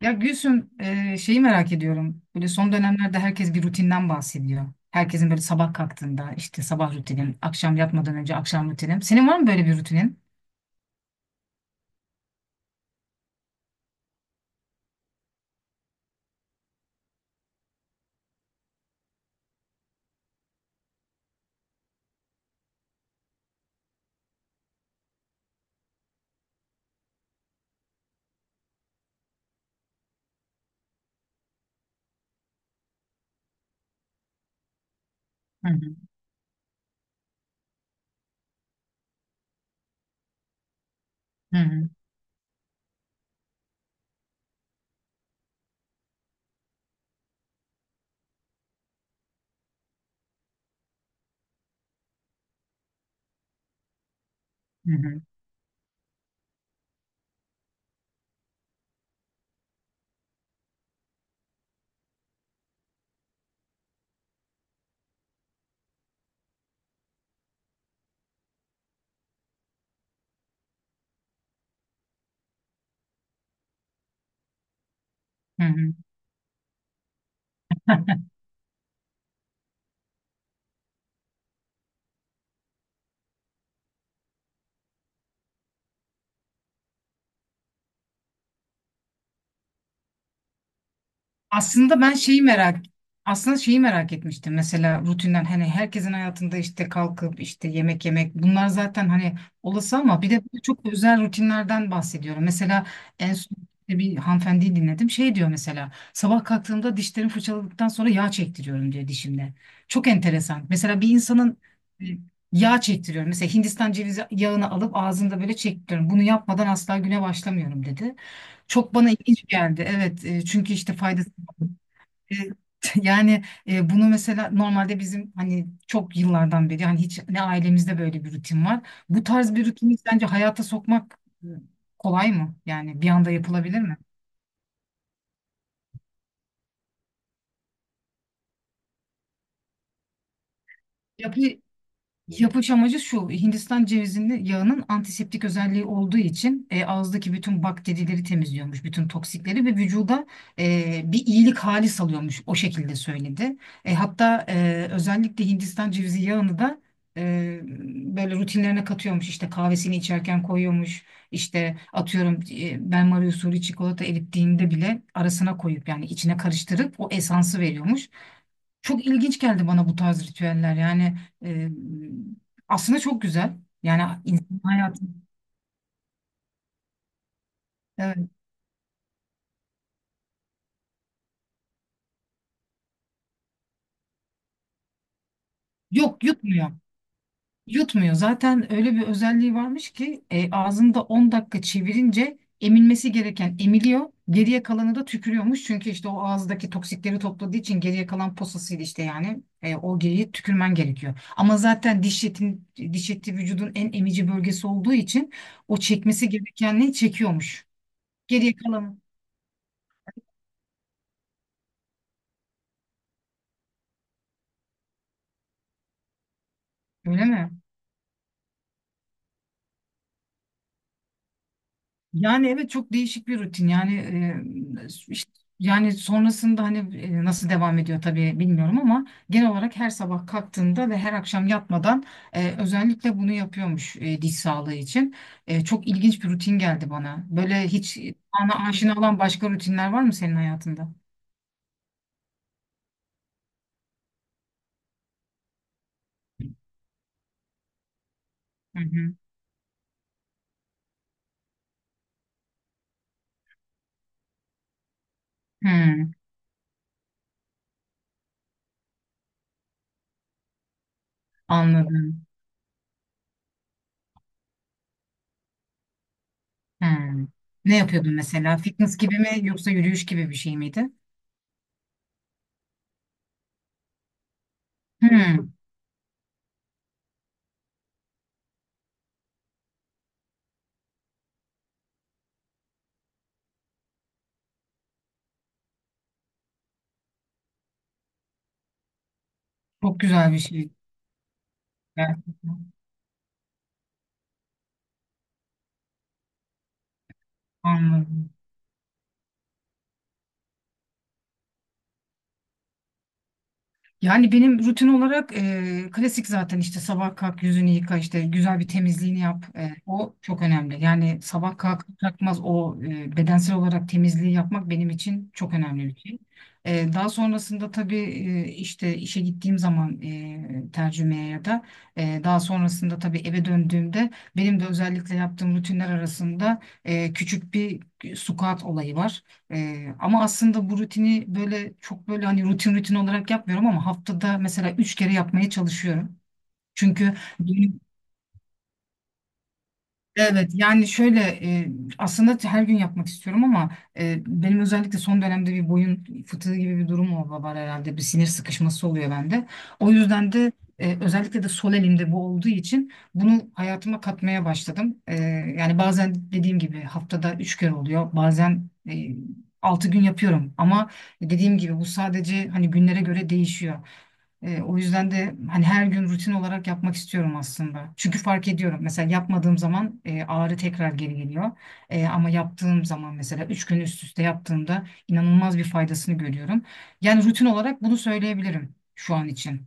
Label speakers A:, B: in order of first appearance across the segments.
A: Ya Gülsüm şeyi merak ediyorum. Böyle son dönemlerde herkes bir rutinden bahsediyor. Herkesin böyle sabah kalktığında işte sabah rutinim, akşam yatmadan önce akşam rutinim. Senin var mı böyle bir rutinin? Hı hı. Hı hı. Hı hı. Hı hı. Aslında ben şeyi merak aslında şeyi merak etmiştim mesela rutinden hani herkesin hayatında işte kalkıp işte yemek yemek bunlar zaten hani olası ama bir de böyle çok özel rutinlerden bahsediyorum. Mesela en son işte bir hanımefendiyi dinledim şey diyor mesela sabah kalktığımda dişlerimi fırçaladıktan sonra yağ çektiriyorum diyor dişimde. Çok enteresan. Mesela bir insanın e, yağ çektiriyorum. Mesela Hindistan cevizi yağını alıp ağzında böyle çektiriyorum. Bunu yapmadan asla güne başlamıyorum dedi. Çok bana ilginç geldi. Evet, çünkü işte faydası e, Yani, bunu mesela normalde bizim hani çok yıllardan beri hani hiç ne ailemizde böyle bir rutin var. Bu tarz bir rutini sence hayata sokmak e, kolay mı? Yani bir anda yapılabilir mi? Yapı, Yapış amacı şu, Hindistan cevizinin yağının antiseptik özelliği olduğu için ağızdaki bütün bakterileri temizliyormuş, bütün toksikleri ve vücuda bir iyilik hali salıyormuş, o şekilde söyledi. Hatta özellikle Hindistan cevizi yağını da e, böyle rutinlerine katıyormuş, işte kahvesini içerken koyuyormuş, işte atıyorum benmari usulü çikolata erittiğinde bile arasına koyup yani içine karıştırıp o esansı veriyormuş. Çok ilginç geldi bana bu tarz ritüeller. Yani e, aslında çok güzel. Yani insan hayatı. Evet. Yok yutmuyor. Yutmuyor. Zaten öyle bir özelliği varmış ki ağzında 10 dakika çevirince emilmesi gereken emiliyor. Geriye kalanı da tükürüyormuş. Çünkü işte o ağızdaki toksikleri topladığı için geriye kalan posasıydı işte yani. O geriye tükürmen gerekiyor. Ama zaten diş etin, diş eti vücudun en emici bölgesi olduğu için o çekmesi gerekenliği çekiyormuş. Geriye kalanı. Öyle mi? Yani evet, çok değişik bir rutin yani. e, işte- Yani sonrasında hani nasıl devam ediyor tabii bilmiyorum ama genel olarak her sabah kalktığında ve her akşam yatmadan özellikle bunu yapıyormuş diş sağlığı için. Çok ilginç bir rutin geldi bana. Böyle hiç bana aşina olan başka rutinler var mı senin hayatında? Hı hı. Hmm, anladım. Hmm. Ne yapıyordun mesela? Fitness gibi mi yoksa yürüyüş gibi bir şey miydi? Hmm, çok güzel bir şey. Gerçekten. Anladım. Yani benim rutin olarak klasik, zaten işte sabah kalk yüzünü yıka, işte güzel bir temizliğini yap. O çok önemli. Yani sabah kalk kalkmaz o bedensel olarak temizliği yapmak benim için çok önemli bir şey. Daha sonrasında tabii işte işe gittiğim zaman tercümeye, ya da daha sonrasında tabii eve döndüğümde benim de özellikle yaptığım rutinler arasında küçük bir squat olayı var. Ama aslında bu rutini böyle çok böyle hani rutin olarak yapmıyorum, ama haftada mesela üç kere yapmaya çalışıyorum. Çünkü evet, yani şöyle, e, aslında her gün yapmak istiyorum, ama benim özellikle son dönemde bir boyun fıtığı gibi bir durum oldu, var herhalde bir sinir sıkışması oluyor bende. O yüzden de özellikle de sol elimde bu olduğu için bunu hayatıma katmaya başladım. Yani bazen dediğim gibi haftada üç kere oluyor, bazen altı gün yapıyorum, ama dediğim gibi bu sadece hani günlere göre değişiyor. O yüzden de hani her gün rutin olarak yapmak istiyorum aslında. Çünkü fark ediyorum. Mesela yapmadığım zaman ağrı tekrar geri geliyor. Ama yaptığım zaman mesela üç gün üst üste yaptığımda inanılmaz bir faydasını görüyorum. Yani rutin olarak bunu söyleyebilirim şu an için.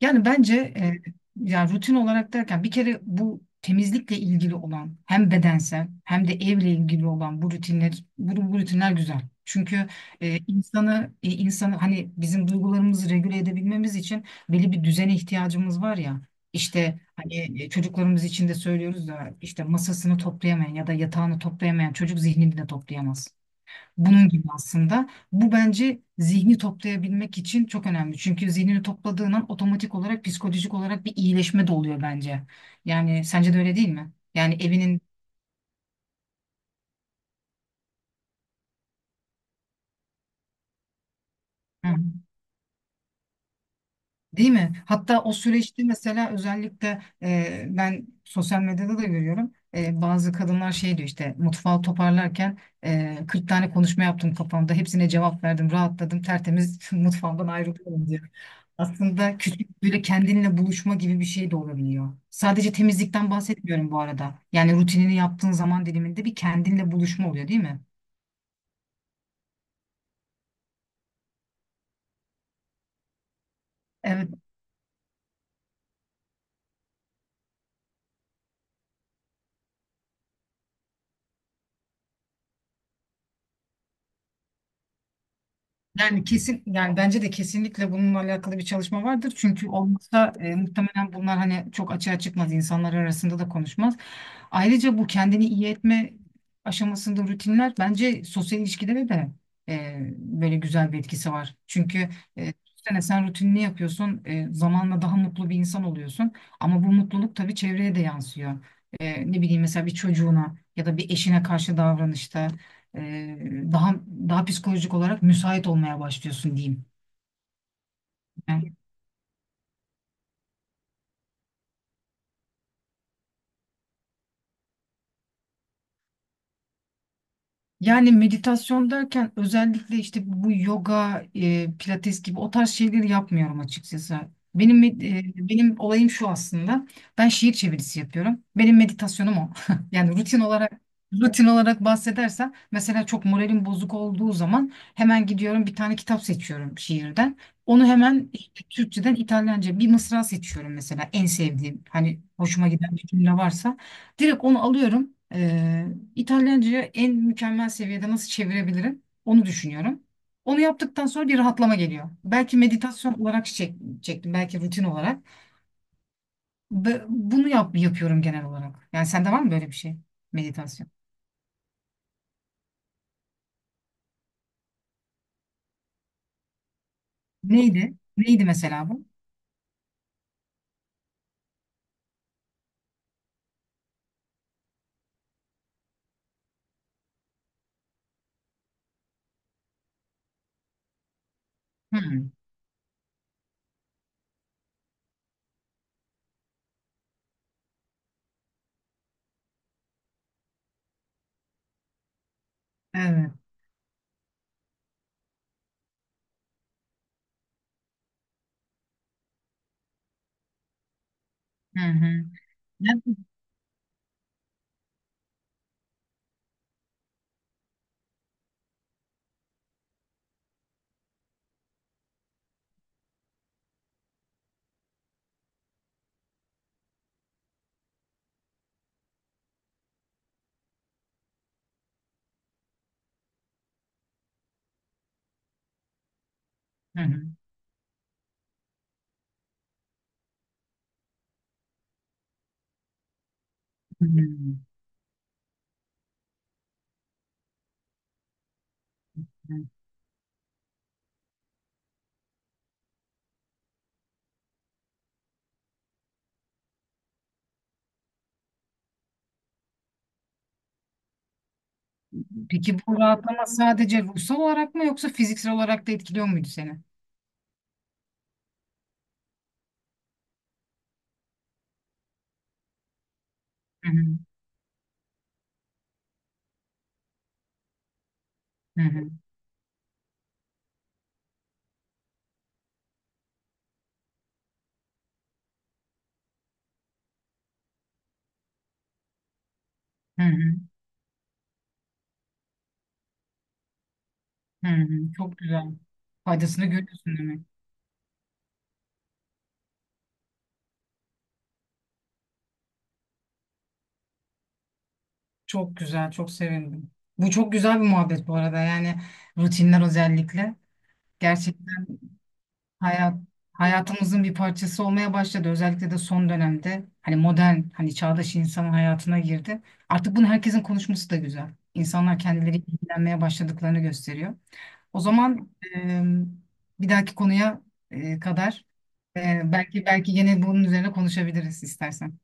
A: Yani bence yani rutin olarak derken, bir kere bu temizlikle ilgili olan hem bedensel hem de evle ilgili olan bu rutinler güzel. Çünkü insanı hani, bizim duygularımızı regüle edebilmemiz için belli bir düzene ihtiyacımız var ya. İşte hani çocuklarımız için de söylüyoruz da, işte masasını toplayamayan ya da yatağını toplayamayan çocuk zihnini de toplayamaz. Bunun gibi aslında. Bu bence zihni toplayabilmek için çok önemli. Çünkü zihnini topladığın an otomatik olarak psikolojik olarak bir iyileşme de oluyor bence. Yani sence de öyle değil mi? Yani evinin. Hı. Değil mi? Hatta o süreçte mesela özellikle ben sosyal medyada da görüyorum. Bazı kadınlar şey diyor, işte mutfağı toparlarken 40 tane konuşma yaptım kafamda. Hepsine cevap verdim, rahatladım, tertemiz mutfağımdan ayrılıyorum diyor. Aslında küçük böyle kendinle buluşma gibi bir şey de olabiliyor. Sadece temizlikten bahsetmiyorum bu arada. Yani rutinini yaptığın zaman diliminde bir kendinle buluşma oluyor değil mi? Evet. Yani kesin, yani bence de kesinlikle bununla alakalı bir çalışma vardır. Çünkü olmazsa muhtemelen bunlar hani çok açığa çıkmaz, insanlar arasında da konuşmaz. Ayrıca bu kendini iyi etme aşamasında rutinler bence sosyal ilişkilere de böyle güzel bir etkisi var. Çünkü düşünsene, sen rutinini yapıyorsun, zamanla daha mutlu bir insan oluyorsun. Ama bu mutluluk tabii çevreye de yansıyor. Ne bileyim, mesela bir çocuğuna ya da bir eşine karşı davranışta e, daha daha psikolojik olarak müsait olmaya başlıyorsun diyeyim. Yani meditasyon derken özellikle işte bu yoga, pilates gibi o tarz şeyleri yapmıyorum açıkçası. Benim med- benim olayım şu aslında. Ben şiir çevirisi yapıyorum. Benim meditasyonum o. Yani rutin olarak bahsedersem, mesela çok moralim bozuk olduğu zaman hemen gidiyorum, bir tane kitap seçiyorum şiirden. Onu hemen işte Türkçeden, İtalyanca bir mısra seçiyorum mesela, en sevdiğim hani hoşuma giden bir cümle varsa direkt onu alıyorum. İtalyanca'ya en mükemmel seviyede nasıl çevirebilirim? Onu düşünüyorum. Onu yaptıktan sonra bir rahatlama geliyor. Belki meditasyon olarak çektim, belki rutin olarak. Ve bunu yapıyorum genel olarak. Yani sende var mı böyle bir şey? Meditasyon. Neydi? Neydi mesela bu? Hmm. Evet. Hı hı. Ben- Hı hı. Hı hı. Peki bu rahatlama sadece ruhsal olarak mı yoksa fiziksel olarak da etkiliyor muydu seni? Hı hı. Hı hı. Hı hı. Hı hı, çok güzel. Faydasını görüyorsun demek. Çok güzel, çok sevindim. Bu çok güzel bir muhabbet bu arada. Yani rutinler özellikle gerçekten hayat hayatımızın bir parçası olmaya başladı. Özellikle de son dönemde hani modern, hani çağdaş insanın hayatına girdi. Artık bunu herkesin konuşması da güzel. İnsanlar kendileri ilgilenmeye başladıklarını gösteriyor. O zaman e, bir dahaki konuya kadar belki yine bunun üzerine konuşabiliriz istersen.